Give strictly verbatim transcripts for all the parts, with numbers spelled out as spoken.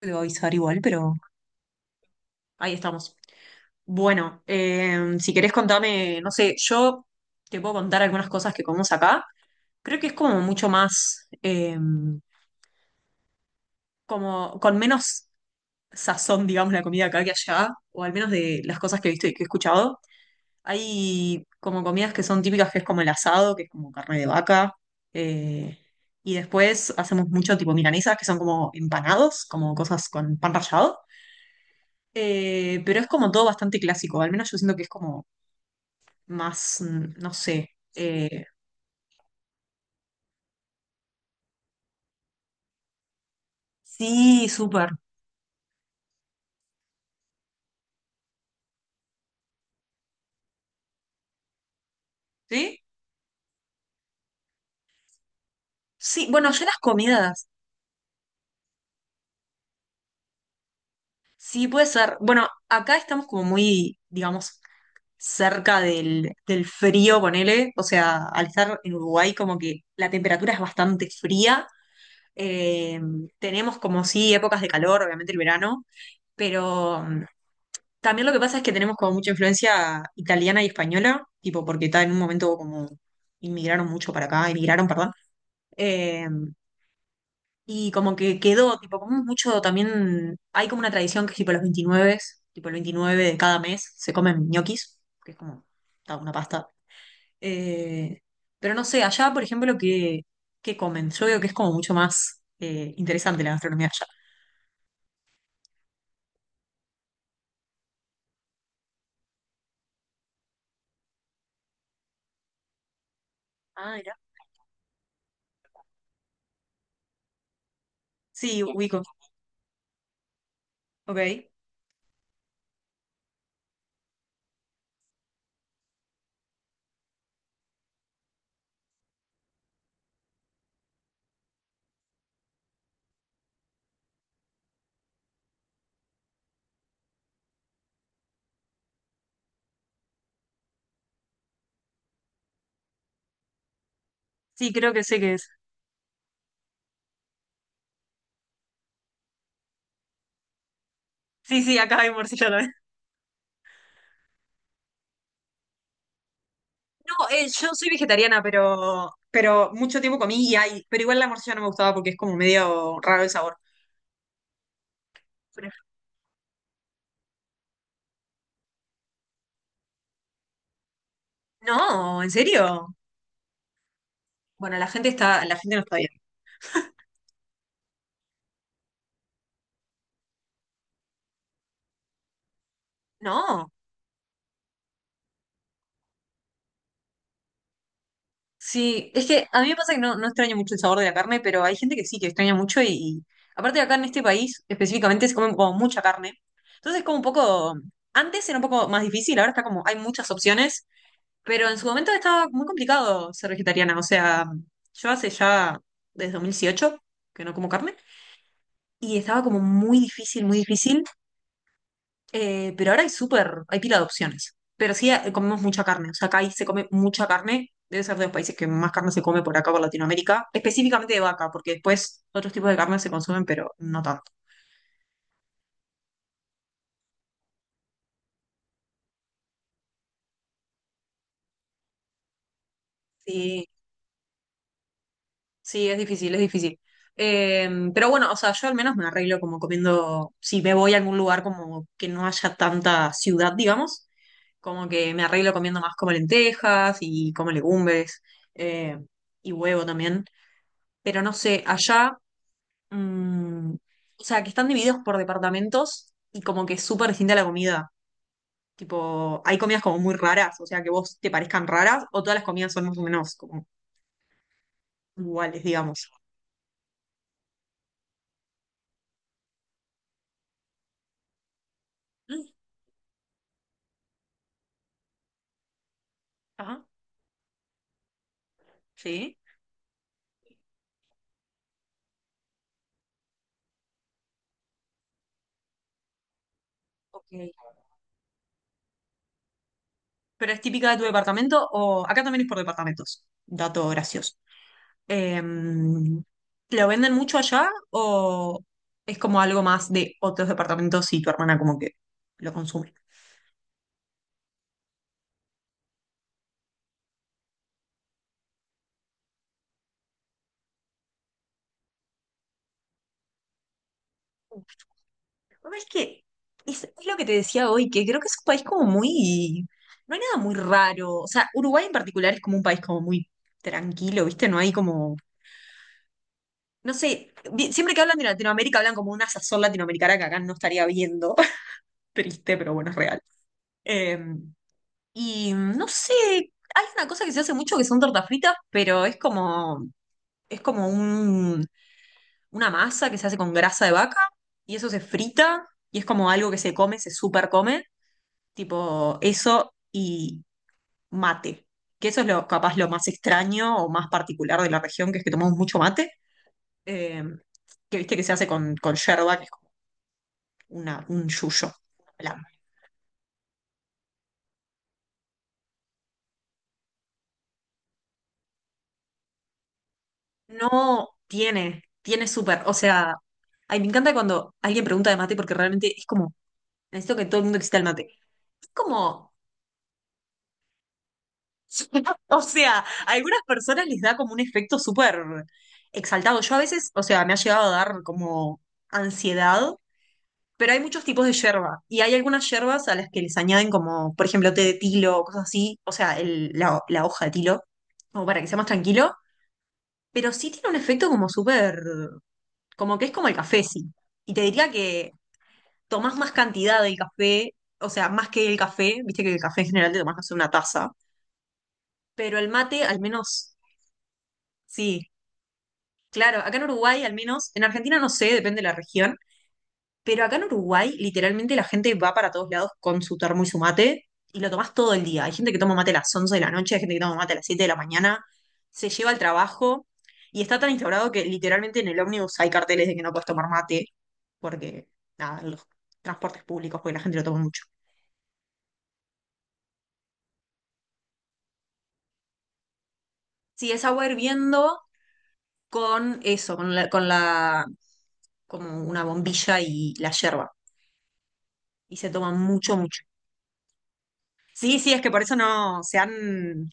Te voy a avisar igual, pero ahí estamos. Bueno, eh, si querés contame, no sé, yo te puedo contar algunas cosas que comemos acá. Creo que es como mucho más, eh, como con menos sazón, digamos, la comida acá que allá, o al menos de las cosas que he visto y que he escuchado. Hay como comidas que son típicas, que es como el asado, que es como carne de vaca. eh, y después hacemos mucho tipo milanesas, que son como empanados, como cosas con pan rallado. Eh, pero es como todo bastante clásico, al menos yo siento que es como más, mm, no sé. eh, sí, súper. ¿Sí? Sí, bueno, ya las comidas. Sí, puede ser. Bueno, acá estamos como muy, digamos, cerca del, del frío, ponele. O sea, al estar en Uruguay, como que la temperatura es bastante fría. Eh, tenemos como sí épocas de calor, obviamente el verano, pero, mm, también lo que pasa es que tenemos como mucha influencia italiana y española, tipo porque está en un momento como inmigraron mucho para acá, emigraron, perdón. Eh, y como que quedó, tipo, como mucho también, hay como una tradición que es tipo los veintinueve, tipo el veintinueve de cada mes se comen ñoquis, que es como ta, una pasta. Eh, pero no sé, allá, por ejemplo, ¿qué, qué comen? Yo veo que es como mucho más eh, interesante la gastronomía allá. Ah, mira. Sí, ubico. Ok. Sí, creo que sé qué es. Sí, sí, acá hay morcilla también. No, eh, yo soy vegetariana, pero, pero mucho tiempo comí y hay, pero igual la morcilla no me gustaba porque es como medio raro el sabor. Pero- no, ¿en serio? Bueno, la gente está, la gente no está bien. No, sí, es que a mí me pasa que no, no extraño mucho el sabor de la carne, pero hay gente que sí, que extraña mucho y, y aparte acá en este país específicamente se come como mucha carne. Entonces como un poco, antes era un poco más difícil, ahora está como, hay muchas opciones. Pero en su momento estaba muy complicado ser vegetariana. O sea, yo hace ya desde dos mil dieciocho que no como carne y estaba como muy difícil, muy difícil. Eh, pero ahora hay súper, hay pila de opciones. Pero sí, eh, comemos mucha carne. O sea, acá ahí se come mucha carne. Debe ser de los países que más carne se come por acá, por Latinoamérica. Específicamente de vaca, porque después otros tipos de carne se consumen, pero no tanto. Sí. Sí, es difícil, es difícil. Em, pero bueno, o sea, yo al menos me arreglo como comiendo, si me voy a algún lugar como que no haya tanta ciudad, digamos, como que me arreglo comiendo más como lentejas y como legumbres eh, y huevo también. Pero no sé, allá, mm, o sea, que están divididos por departamentos y como que es súper distinta la comida. Tipo, hay comidas como muy raras, o sea, que vos te parezcan raras o todas las comidas son más o menos como iguales, digamos. Mm, ajá, sí. Ok. ¿Pero es típica de tu departamento o acá también es por departamentos? Dato gracioso. Eh, ¿Lo venden mucho allá o es como algo más de otros departamentos y tu hermana como que lo consume? Es que es, es lo que te decía hoy, que creo que es un país como muy... No hay nada muy raro. O sea, Uruguay en particular es como un país como muy tranquilo, ¿viste? No hay como... No sé, vi- siempre que hablan de Latinoamérica hablan como una sazón latinoamericana que acá no estaría viendo. Triste, pero bueno, es real. Eh, y no sé, hay una cosa que se hace mucho que son tortas fritas, pero es como, es como un- una masa que se hace con grasa de vaca y eso se frita y es como algo que se come, se super come, tipo eso y mate, que eso es lo capaz lo más extraño o más particular de la región, que es que tomamos mucho mate, eh, que viste que se hace con, con yerba, que es como una, un yuyo, una planta. No, tiene, tiene súper. O sea, ay, me encanta cuando alguien pregunta de mate porque realmente es como, necesito que todo el mundo exista el mate. Es como, o sea, a algunas personas les da como un efecto súper exaltado. Yo a veces, o sea, me ha llegado a dar como ansiedad, pero hay muchos tipos de yerba y hay algunas yerbas a las que les añaden como, por ejemplo, té de tilo o cosas así, o sea, el- la, la hoja de tilo, como para que sea más tranquilo, pero sí tiene un efecto como súper. Como que es como el café, sí. Y te diría que tomás más cantidad del café, o sea, más que el café, viste que el café en general te tomás, no sé, una taza, pero el mate al menos, sí, claro, acá en Uruguay al menos, en Argentina no sé, depende de la región. Pero acá en Uruguay, literalmente la gente va para todos lados con su termo y su mate y lo tomás todo el día. Hay gente que toma mate a las once de la noche, hay gente que toma mate a las siete de la mañana, se lleva al trabajo y está tan instaurado que literalmente en el ómnibus hay carteles de que no puedes tomar mate porque, nada, en los transportes públicos, porque la gente lo toma mucho. Sí, es agua hirviendo con eso, con la, con la, como una bombilla y la yerba. Y se toma mucho, mucho. Sí, sí, es que por eso no se han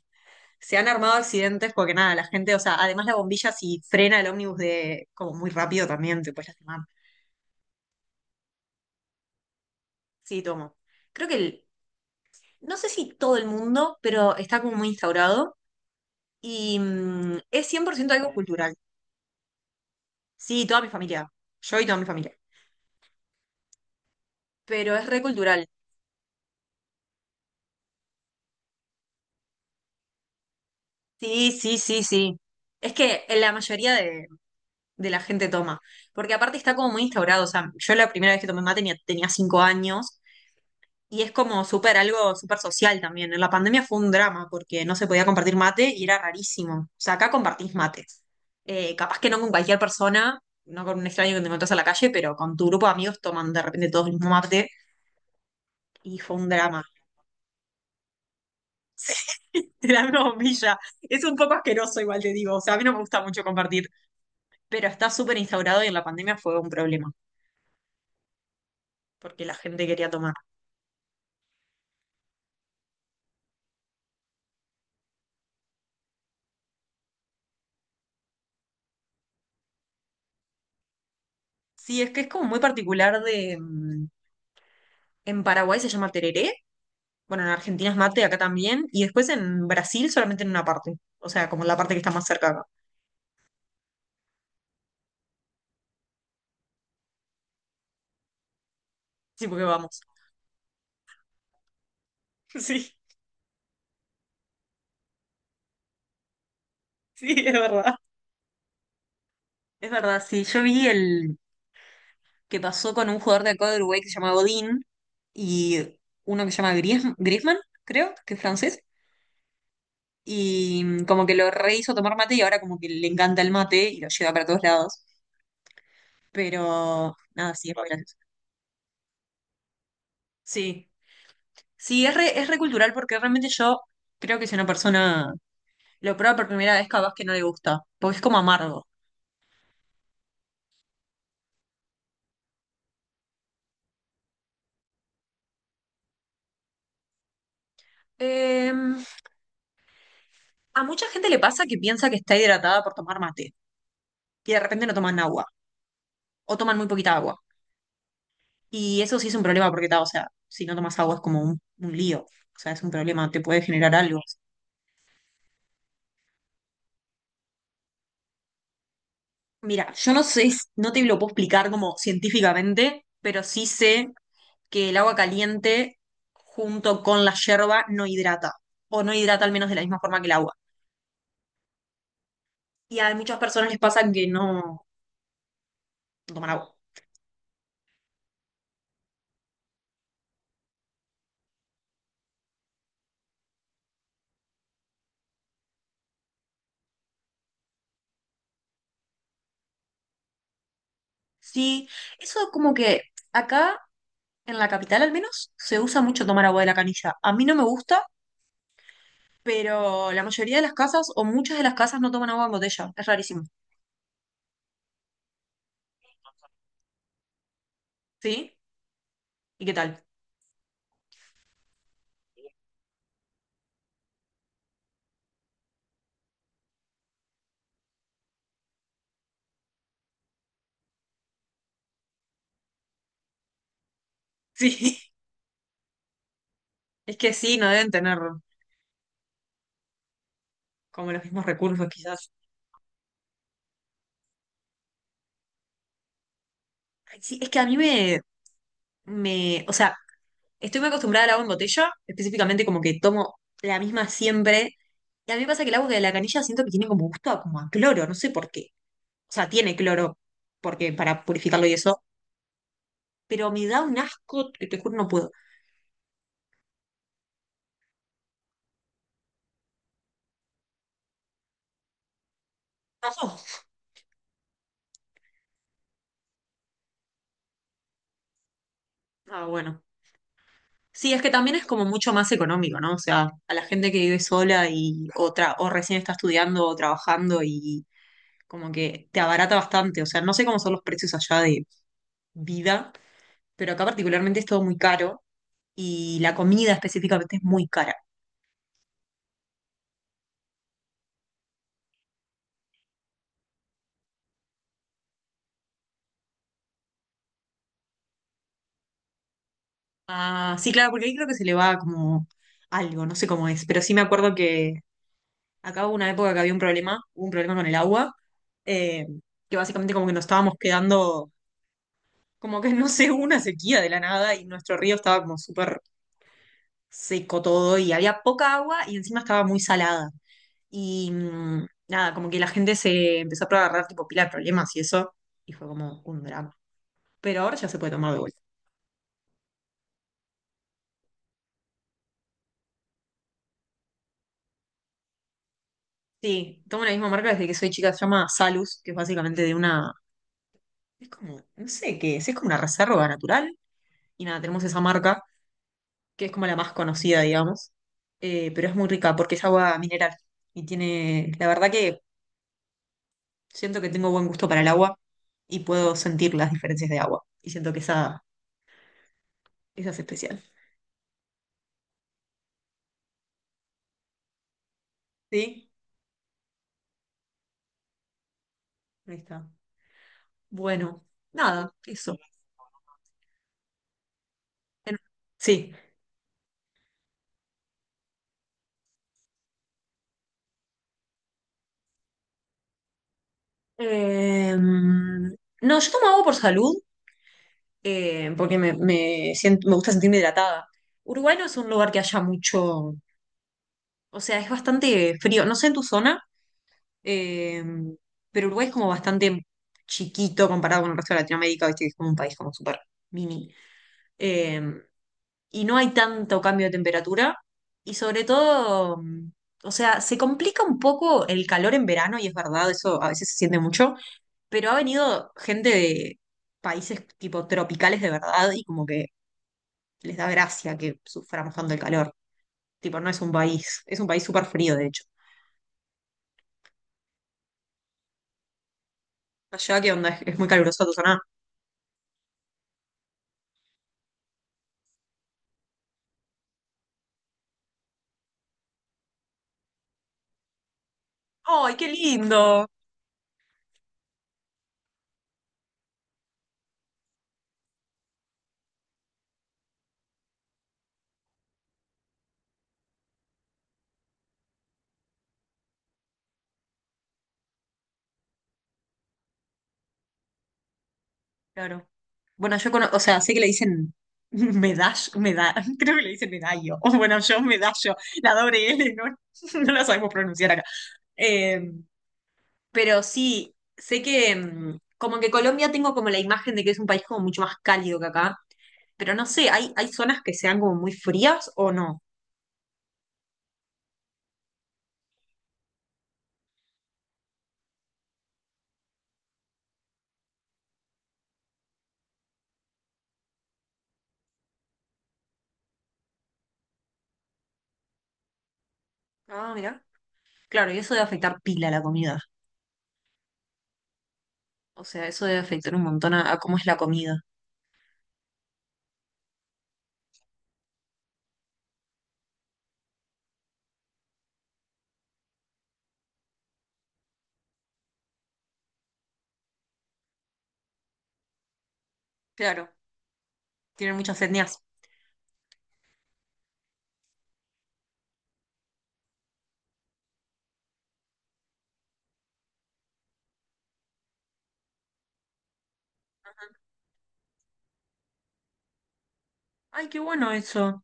se han armado accidentes porque nada, la gente, o sea, además la bombilla si frena el ómnibus de como muy rápido también te puedes lastimar. Sí, tomo. Creo que el- no sé si todo el mundo, pero está como muy instaurado y mm, es cien por ciento algo cultural. Sí, toda mi familia. Yo y toda mi familia. Pero es re cultural. Sí, sí, sí, sí. Es que la mayoría de, de la gente toma. Porque aparte está como muy instaurado. O sea, yo la primera vez que tomé mate tenía, tenía cinco años. Y es como súper algo súper social también. En la pandemia fue un drama porque no se podía compartir mate y era rarísimo. O sea, acá compartís mate. Eh, capaz que no con cualquier persona, no con un extraño que te encontrás a la calle, pero con tu grupo de amigos toman de repente todos el mismo mate y fue un drama. Era una bombilla. Es un poco asqueroso, igual te digo. O sea, a mí no me gusta mucho compartir, pero está súper instaurado y en la pandemia fue un problema porque la gente quería tomar. Sí, es que es como muy particular de... mm, En Paraguay se llama tereré. Bueno, en Argentina es mate, acá también. Y después en Brasil solamente en una parte. O sea, como la parte que está más cerca acá. Sí, porque vamos. Sí, sí, es verdad. Es verdad, sí. Yo vi el que pasó con un jugador de acá de Uruguay que se llama Godín y uno que se llama Griez Griezmann, creo, que es francés. Y mm, como que lo rehizo tomar mate y ahora como que le encanta el mate y lo lleva para todos lados. Pero nada, sí, es muy gracioso. Sí, sí, es re, es re cultural porque realmente yo creo que soy una persona. Lo prueba por primera vez, capaz que no le gusta, porque es como amargo. Eh, a mucha gente le pasa que piensa que está hidratada por tomar mate y de repente no toman agua o toman muy poquita agua. Y eso sí es un problema porque, ta, o sea, si no tomas agua es como un, un lío. O sea, es un problema, te puede generar algo. Mira, yo no sé, si- no te lo puedo explicar como científicamente, pero sí sé que el agua caliente junto con la yerba no hidrata, o no hidrata al menos de la misma forma que el agua. Y a muchas personas les pasa que no no toman agua. Sí, eso como que acá en la capital al menos se usa mucho tomar agua de la canilla. A mí no me gusta, pero la mayoría de las casas o muchas de las casas no toman agua en botella. Es rarísimo. ¿Sí? ¿Y qué tal? Sí, es que sí, no deben tener como los mismos recursos quizás. Ay, sí, es que a mí me, me, o sea, estoy muy acostumbrada al agua en botella, específicamente como que tomo la misma siempre. Y a mí me pasa que el agua de la canilla siento que tiene como gusto a, como a cloro, no sé por qué. O sea, tiene cloro, porque para purificarlo y eso, pero me da un asco que te juro no puedo. Pasó. Ah, bueno. Sí, es que también es como mucho más económico, ¿no? O sea, a la gente que vive sola y otra, o recién está estudiando o trabajando y como que te abarata bastante. O sea, no sé cómo son los precios allá de vida, pero acá particularmente es todo muy caro y la comida específicamente es muy cara. Ah, sí, claro, porque ahí creo que se le va como algo, no sé cómo es, pero sí me acuerdo que acá hubo una época que había un problema, hubo un problema con el agua, eh, que básicamente como que nos estábamos quedando, como que no sé, hubo una sequía de la nada y nuestro río estaba como súper seco todo y había poca agua y encima estaba muy salada. Y mm, nada, como que la gente se empezó a agarrar tipo pila de problemas y eso, y fue como un drama. Pero ahora ya se puede tomar de vuelta. Sí, tomo la misma marca desde que soy chica, se llama Salus, que es básicamente de una, es como, no sé qué es, es como una reserva natural. Y nada, tenemos esa marca que es como la más conocida, digamos, eh, pero es muy rica porque es agua mineral y tiene, la verdad que siento que tengo buen gusto para el agua y puedo sentir las diferencias de agua y siento que esa, esa es especial. ¿Sí? Ahí está. Bueno, nada, eso. En- Sí. Eh, no, yo tomo agua por salud, eh, porque me, me siento, me gusta sentirme hidratada. Uruguay no es un lugar que haya mucho, o sea, es bastante frío. No sé en tu zona. Eh, pero Uruguay es como bastante chiquito comparado con el resto de Latinoamérica, ¿viste? Que es como un país como súper mini. Eh, y no hay tanto cambio de temperatura. Y sobre todo, mm, o sea, se complica un poco el calor en verano, y es verdad, eso a veces se siente mucho, pero ha venido gente de países tipo tropicales de verdad y como que les da gracia que suframos tanto el calor. Tipo, no es un país, es un país súper frío, de hecho. Allá, ¿qué onda? ¿Es, es muy calurosa tu zona? ¡Ay, qué lindo! Claro. Bueno, yo conozco, o sea, sé que le dicen medallo, meda creo que le dicen medallo, o bueno, yo medallo, la doble L, no, no la sabemos pronunciar acá. Eh, pero sí, sé que mm, como que Colombia tengo como la imagen de que es un país como mucho más cálido que acá, pero no sé, ¿hay, hay zonas que sean como muy frías o no? Ah, mira. Claro, y eso debe afectar pila a la comida. O sea, eso debe afectar un montón a, a cómo es la comida. Claro, tienen muchas etnias. Ay, qué bueno eso.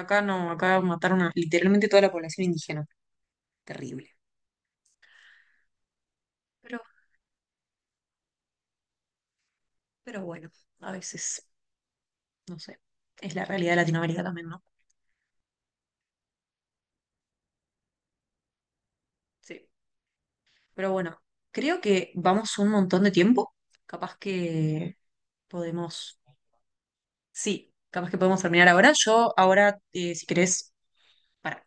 Acá no, acá mataron a literalmente toda la población indígena. Terrible. Pero, pero bueno, a veces, no sé. Es la realidad de Latinoamérica también, ¿no? Sí. Pero bueno, creo que vamos un montón de tiempo. Capaz que podemos. Sí, capaz que podemos terminar ahora. Yo ahora, eh, si querés, para.